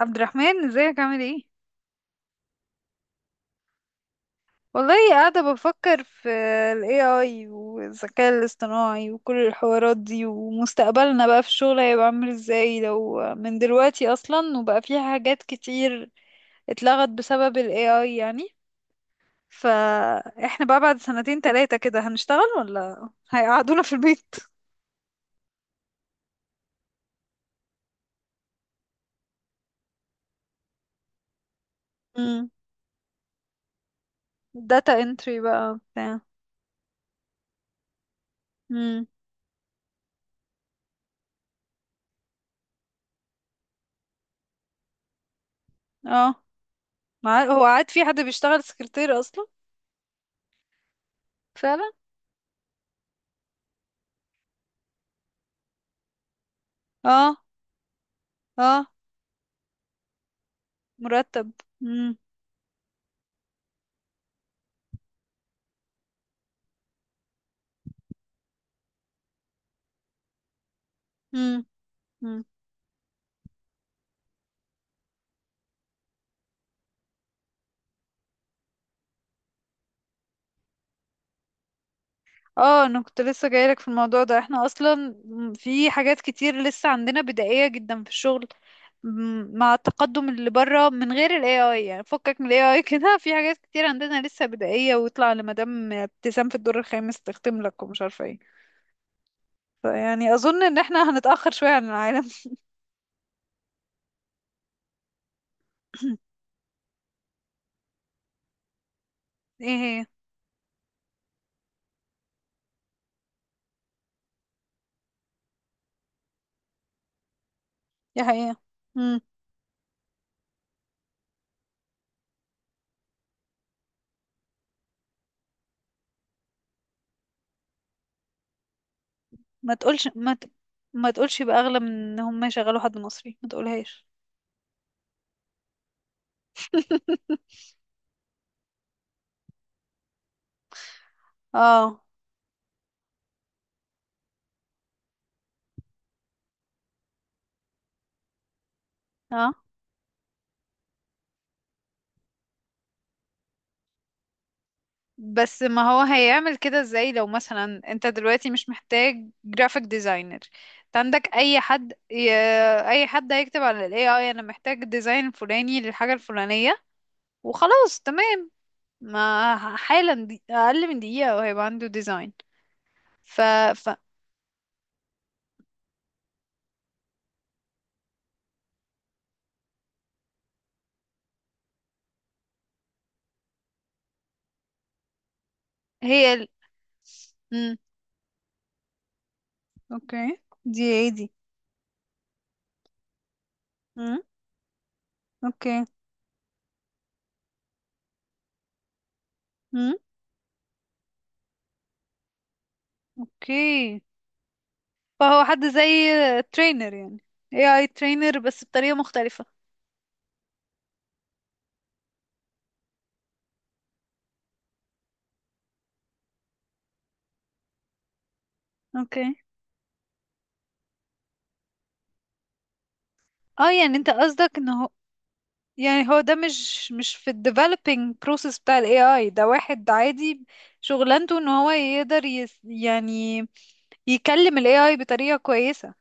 عبد الرحمن، ازيك؟ عامل ايه؟ والله قاعدة بفكر في ال AI والذكاء الاصطناعي وكل الحوارات دي، ومستقبلنا بقى في الشغل هيبقى عامل ازاي. لو من دلوقتي اصلا وبقى في حاجات كتير اتلغت بسبب ال AI يعني. فاحنا بقى بعد سنتين تلاتة كده هنشتغل ولا هيقعدونا في البيت؟ امم data entry بقى بتاع. امم اه. هو عاد في حد بيشتغل سكرتير اصلا؟ فعلا. اه. اه. مرتب. مم. مم. مم. اه، انا كنت لسه جايلك في الموضوع ده، احنا اصلا في حاجات كتير لسه عندنا بدائية جدا في الشغل. مع التقدم اللي بره من غير ال AI يعني، فكك من ال AI كده، في حاجات كتير عندنا لسه بدائية ويطلع لمدام ابتسام في الدور الخامس تختم لك ومش عارفة ايه. فيعني اظن ان احنا هنتأخر شوية عن العالم ايه. هي. دي حقيقة. مم. ما تقولش ما ت... ما تقولش يبقى اغلى من ان هم يشغلوا حد مصري، ما تقولهاش. اه. اه. بس ما هو هيعمل كده ازاي؟ لو مثلا انت دلوقتي مش محتاج جرافيك ديزاينر، انت عندك اي حد هيكتب على الاي اي انا محتاج ديزاين فلاني للحاجة الفلانية، وخلاص تمام. ما ح- حالا دي... اقل من دقيقة وهيبقى عنده ديزاين. ف... ف... هي ال... مم. اوكي، دي ايه دي؟ مم. اوكي. مم. اوكي. فهو حد زي ترينر يعني، اي اي ترينر بس بطريقة مختلفة. اوكي. اه، يعني انت قصدك ان هو، يعني هو ده مش في ال developing process بتاع ال AI، ده واحد عادي شغلانته ان هو يقدر يعني يكلم ال AI بطريقة كويسة،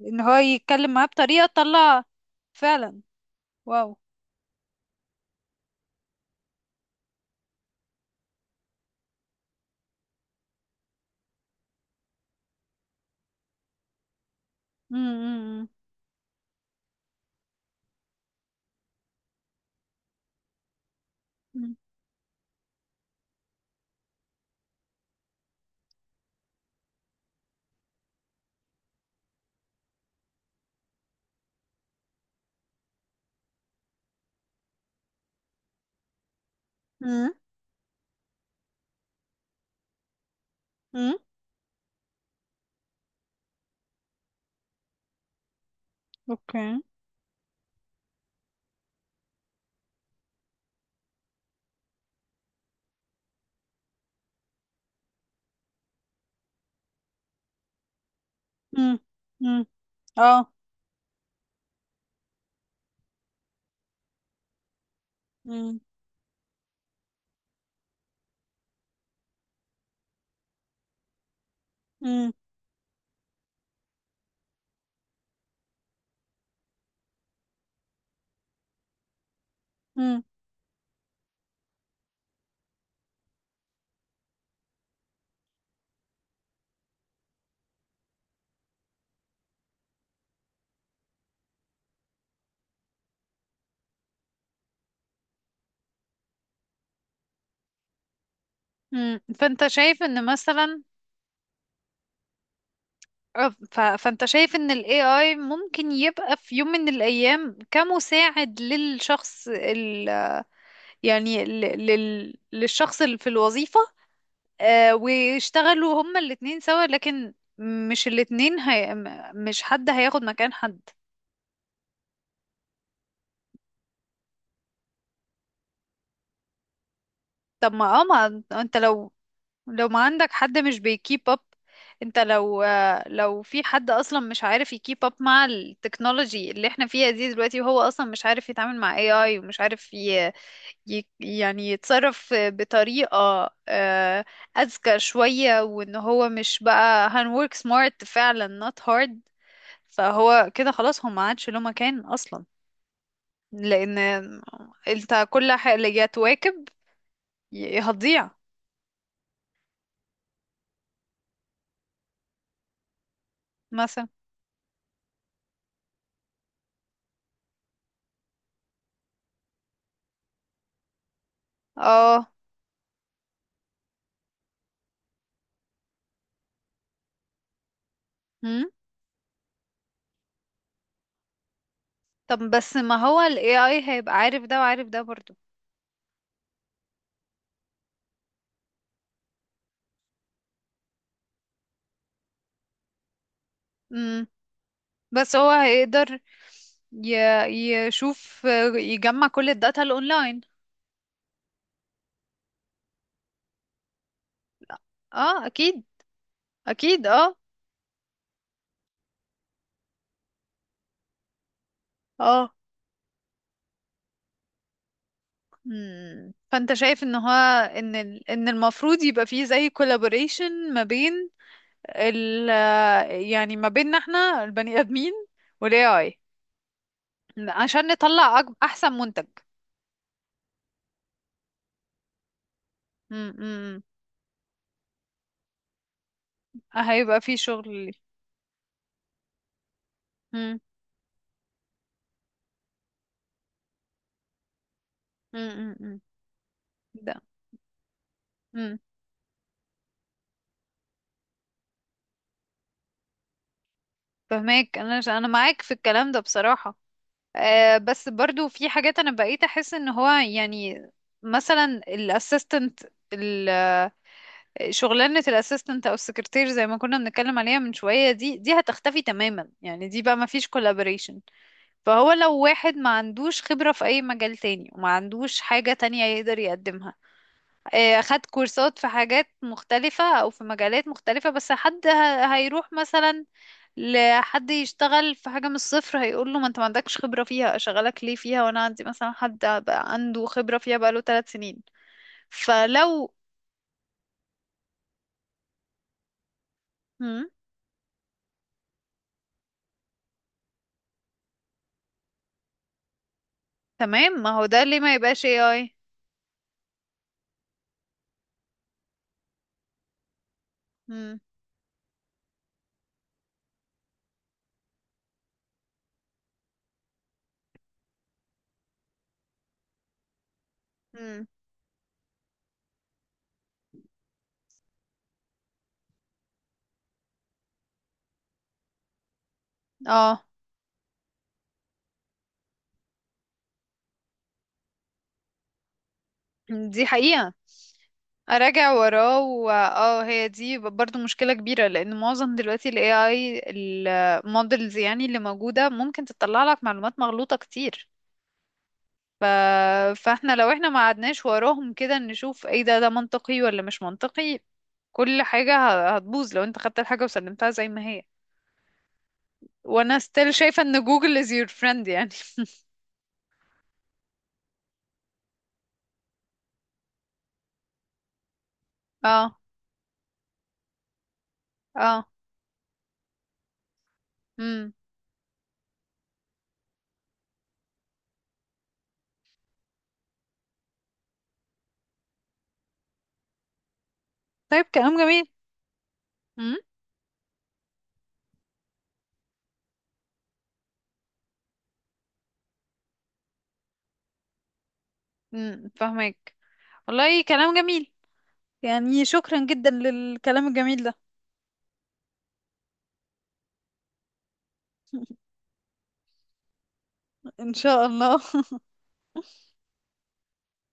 ان هو يتكلم معاه بطريقة تطلع. فعلا. واو. امم امم امم اوكي. امم امم اه. امم امم فانت شايف ان مثلا، فانت شايف ان ال AI ممكن يبقى في يوم من الايام كمساعد للشخص يعني للشخص اللي في الوظيفة. ويشتغلوا هما الاتنين سوا، لكن مش الاتنين مش حد هياخد مكان حد. طب ما اه ما انت لو، ما عندك حد مش بيكيب اب. انت لو، لو في حد اصلا مش عارف يكيب اب مع التكنولوجي اللي احنا فيها دي دلوقتي، وهو اصلا مش عارف يتعامل مع AI ومش عارف يعني يتصرف بطريقة آه، أذكى شوية، وإن هو مش بقى هن work smart فعلا not hard، فهو كده خلاص هو ما عادش له مكان أصلا. لأن أنت كل حاجة اللي جت تواكب هتضيع. مثلا. اه. هم؟ طب بس ما هو ال AI هيبقى عارف ده وعارف ده برضو. مم. بس هو هيقدر ي- يشوف، يجمع كل الداتا الأونلاين. اه أكيد. أكيد اه. اه. مم. فانت شايف ان هو ان ان المفروض يبقى فيه زي كولابوريشن ما بين ال يعني ما بيننا احنا البني ادمين والاي اي، عشان نطلع احسن منتج. مم. مم. هيبقى فيه شغل لي. مم. مم. مم. مم. ده. مم. فهماك، انا معاك في الكلام ده بصراحة. أه، بس برضو في حاجات انا بقيت احس ان هو يعني مثلا الاسيستنت، شغلانة الاسيستنت او السكرتير زي ما كنا بنتكلم عليها من شوية، دي هتختفي تماما يعني، دي بقى ما فيش كولابوريشن. فهو لو واحد ما عندوش خبرة في اي مجال تاني وما عندوش حاجة تانية يقدر يقدمها، خد كورسات في حاجات مختلفة او في مجالات مختلفة، بس حد هيروح مثلا لحد يشتغل في حاجة من الصفر، هيقول له ما انت ما عندكش خبرة فيها، اشغلك ليه فيها وانا عندي مثلا حد بقى عنده خبرة فيها بقاله 3 سنين. فلو. مم. تمام، ما هو ده ليه ما يبقاش AI؟ مم. مم. اه، دي حقيقة. اراجع وراه اه، هي دي برضو مشكلة كبيرة. لان معظم دلوقتي ال AI المودلز يعني اللي موجودة ممكن تطلع لك معلومات مغلوطة كتير. ف... فاحنا لو احنا ما قعدناش وراهم كده نشوف ايه ده، ده منطقي ولا مش منطقي، كل حاجة هتبوظ لو انت خدت الحاجة وسلمتها زي ما هي. وانا ستيل شايفة ان جوجل is your friend يعني. اه. اه. مم. طيب، كلام جميل. فاهمك. والله كلام جميل. يعني شكرا جدا للكلام الجميل ده. ان شاء الله.